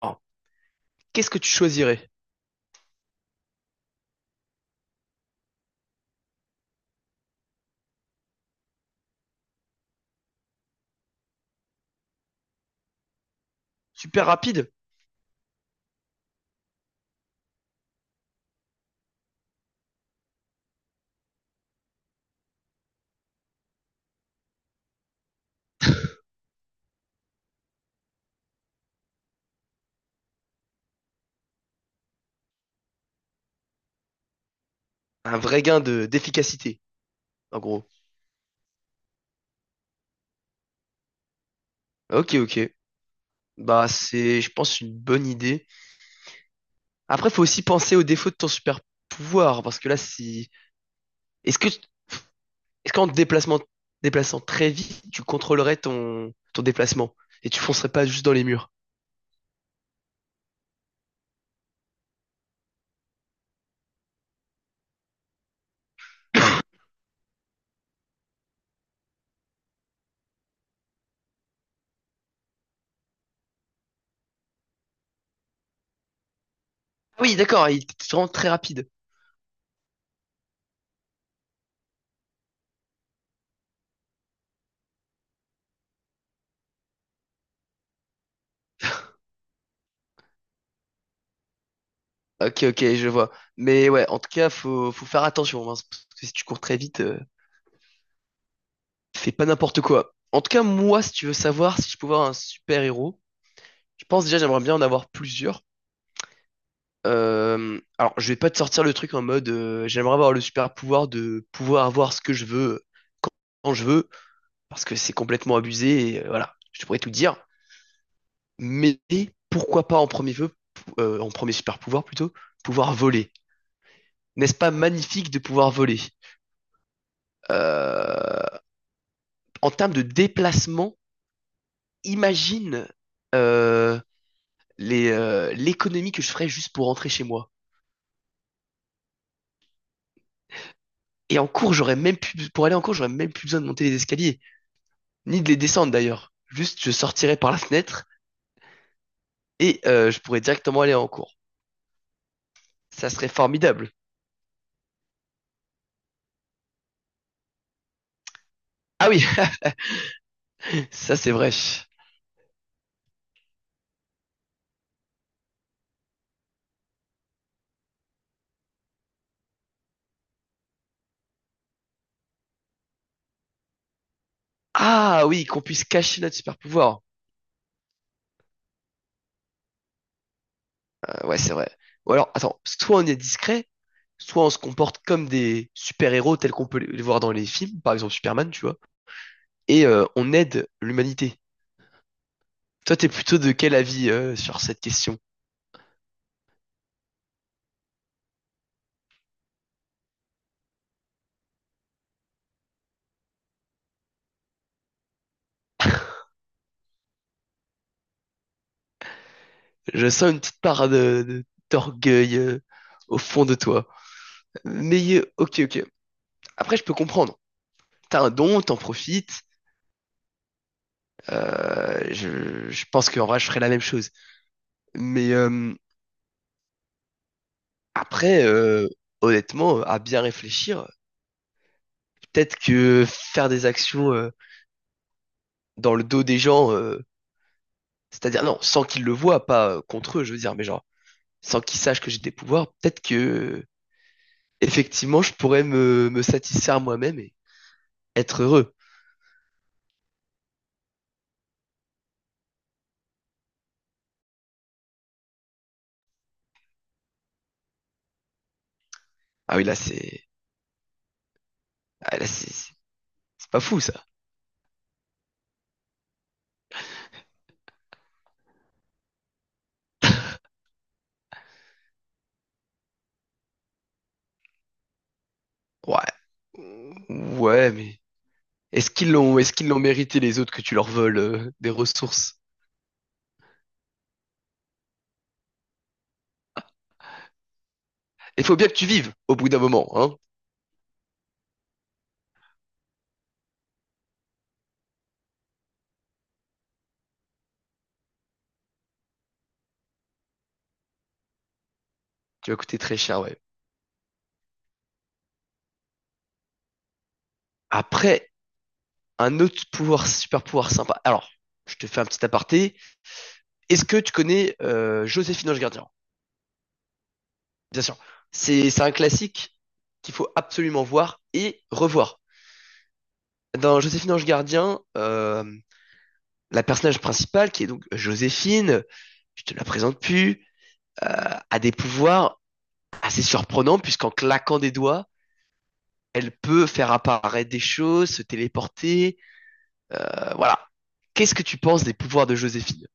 Alors, qu'est-ce que tu choisirais? Super rapide? Un vrai gain de d'efficacité, en gros. Ok, ok. Bah, c'est, je pense, une bonne idée. Après, faut aussi penser aux défauts de ton super pouvoir, parce que là, si... Est-ce que Est-ce qu'en te déplaçant très vite, tu contrôlerais ton déplacement et tu foncerais pas juste dans les murs? Ah oui, d'accord, il est vraiment très rapide. Ok, ok, je vois. Mais ouais, en tout cas, faut faire attention, hein, parce que si tu cours très vite, fais pas n'importe quoi. En tout cas, moi, si tu veux savoir si je peux avoir un super-héros, je pense déjà j'aimerais bien en avoir plusieurs. Alors, je vais pas te sortir le truc en mode j'aimerais avoir le super-pouvoir de pouvoir avoir ce que je veux quand je veux, parce que c'est complètement abusé, et voilà, je pourrais tout dire. Mais pourquoi pas en premier vœu, en premier super-pouvoir plutôt, pouvoir voler. N'est-ce pas magnifique de pouvoir voler? Euh, En termes de déplacement, imagine euh, l'économie que je ferais juste pour rentrer chez moi. Et en cours, j'aurais même plus, pour aller en cours, j'aurais même plus besoin de monter les escaliers, ni de les descendre d'ailleurs. Juste, je sortirais par la fenêtre et je pourrais directement aller en cours. Ça serait formidable. Ah oui, ça c'est vrai. Ah oui, qu'on puisse cacher notre super pouvoir. Ouais, c'est vrai. Ou alors, attends, soit on est discret, soit on se comporte comme des super-héros tels qu'on peut les voir dans les films, par exemple Superman, tu vois. Et on aide l'humanité. Toi, t'es plutôt de quel avis sur cette question? Je sens une petite part de, d'orgueil au fond de toi. Mais ok, ok. Après, je peux comprendre. T'as un don, t'en profites. Je pense qu'en vrai, je ferais la même chose. Mais après, honnêtement, à bien réfléchir, peut-être que faire des actions dans le dos des gens, c'est-à-dire, non, sans qu'ils le voient, pas contre eux, je veux dire, mais genre, sans qu'ils sachent que j'ai des pouvoirs, peut-être que, effectivement, je pourrais me satisfaire moi-même et être heureux. Ah oui, là, c'est, ah, là, c'est pas fou, ça. Ouais. Ouais, mais est-ce qu'ils l'ont mérité les autres que tu leur voles des ressources? Il faut bien que tu vives au bout d'un moment, hein. Tu vas coûter très cher, ouais. Après, un autre pouvoir, super pouvoir sympa. Alors, je te fais un petit aparté. Est-ce que tu connais Joséphine Ange Gardien? Bien sûr. C'est un classique qu'il faut absolument voir et revoir. Dans Joséphine Ange Gardien, la personnage principale, qui est donc Joséphine, je te la présente plus, a des pouvoirs assez surprenants puisqu'en claquant des doigts, elle peut faire apparaître des choses, se téléporter. Voilà. Qu'est-ce que tu penses des pouvoirs de Joséphine?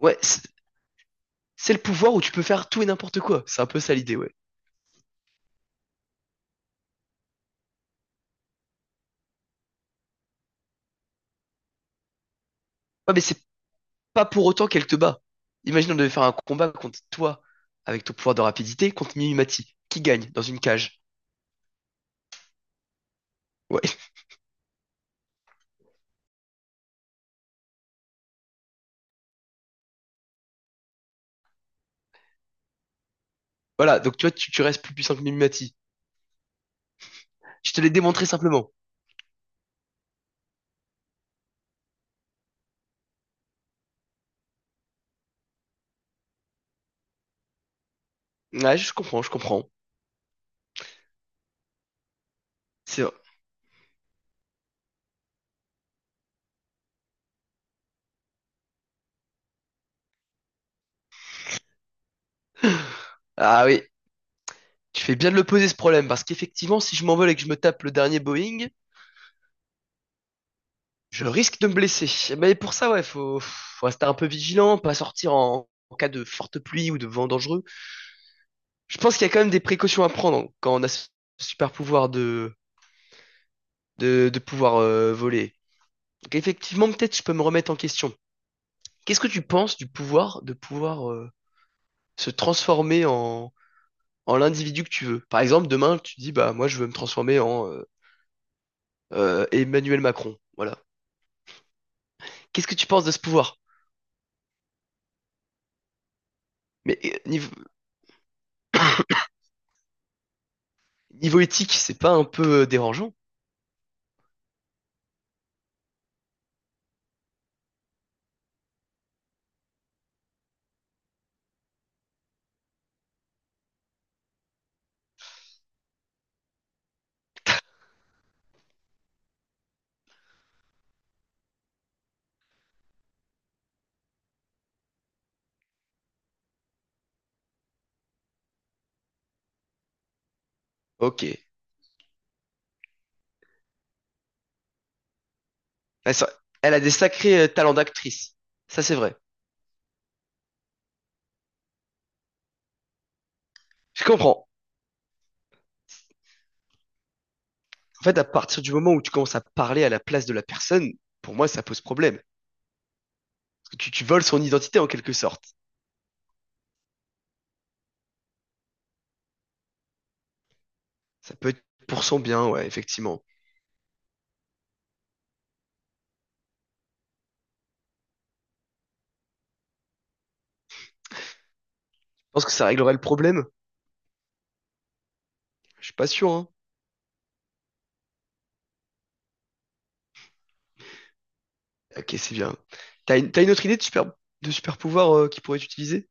Ouais, c'est c'est le pouvoir où tu peux faire tout et n'importe quoi. C'est un peu ça l'idée, ouais. Ouais, mais c'est pas pour autant qu'elle te bat. Imagine on devait faire un combat contre toi, avec ton pouvoir de rapidité, contre Mimimati, qui gagne dans une cage. Ouais, voilà, donc tu vois, tu restes plus puissant que Mimimati. Je te l'ai démontré simplement. Ouais, je comprends. C'est vrai. Ah oui, tu fais bien de le poser ce problème, parce qu'effectivement, si je m'envole et que je me tape le dernier Boeing, je risque de me blesser. Mais pour ça, ouais, faut rester un peu vigilant, pas sortir en cas de forte pluie ou de vent dangereux. Je pense qu'il y a quand même des précautions à prendre quand on a ce super pouvoir de pouvoir voler. Donc effectivement, peut-être je peux me remettre en question. Qu'est-ce que tu penses du pouvoir de pouvoir se transformer en l'individu que tu veux? Par exemple, demain, tu dis, bah moi, je veux me transformer en Emmanuel Macron. Voilà. Qu'est-ce que tu penses de ce pouvoir? Mais niveau éthique, c'est pas un peu dérangeant? Ok. Elle, ça- Elle a des sacrés talents d'actrice. Ça, c'est vrai. Je comprends. En fait, à partir du moment où tu commences à parler à la place de la personne, pour moi, ça pose problème. Parce que tu voles son identité en quelque sorte. Ça peut être pour son bien, ouais, effectivement. Je pense que ça réglerait le problème. Je suis pas sûr, hein. Ok, c'est bien. T'as une autre idée de super pouvoir qui pourrait être utilisé?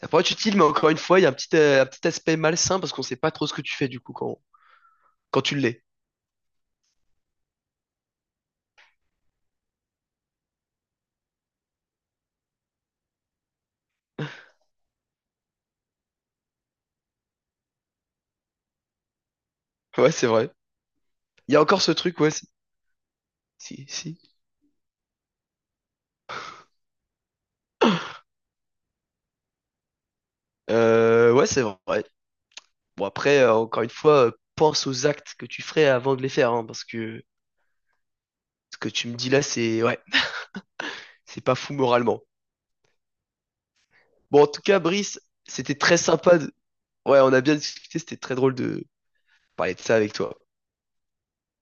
Ça pourrait être utile, mais encore une fois, il y a un petit aspect malsain parce qu'on sait pas trop ce que tu fais du coup quand tu l'es. Ouais, c'est vrai. Il y a encore ce truc, ouais. Si, si, si. Ouais, c'est vrai. Bon, après, encore une fois, pense aux actes que tu ferais avant de les faire, hein, parce que ce que tu me dis là, c'est ouais, c'est pas fou moralement. Bon, en tout cas, Brice, c'était très sympa. Ouais, on a bien discuté, c'était très drôle de parler de ça avec toi.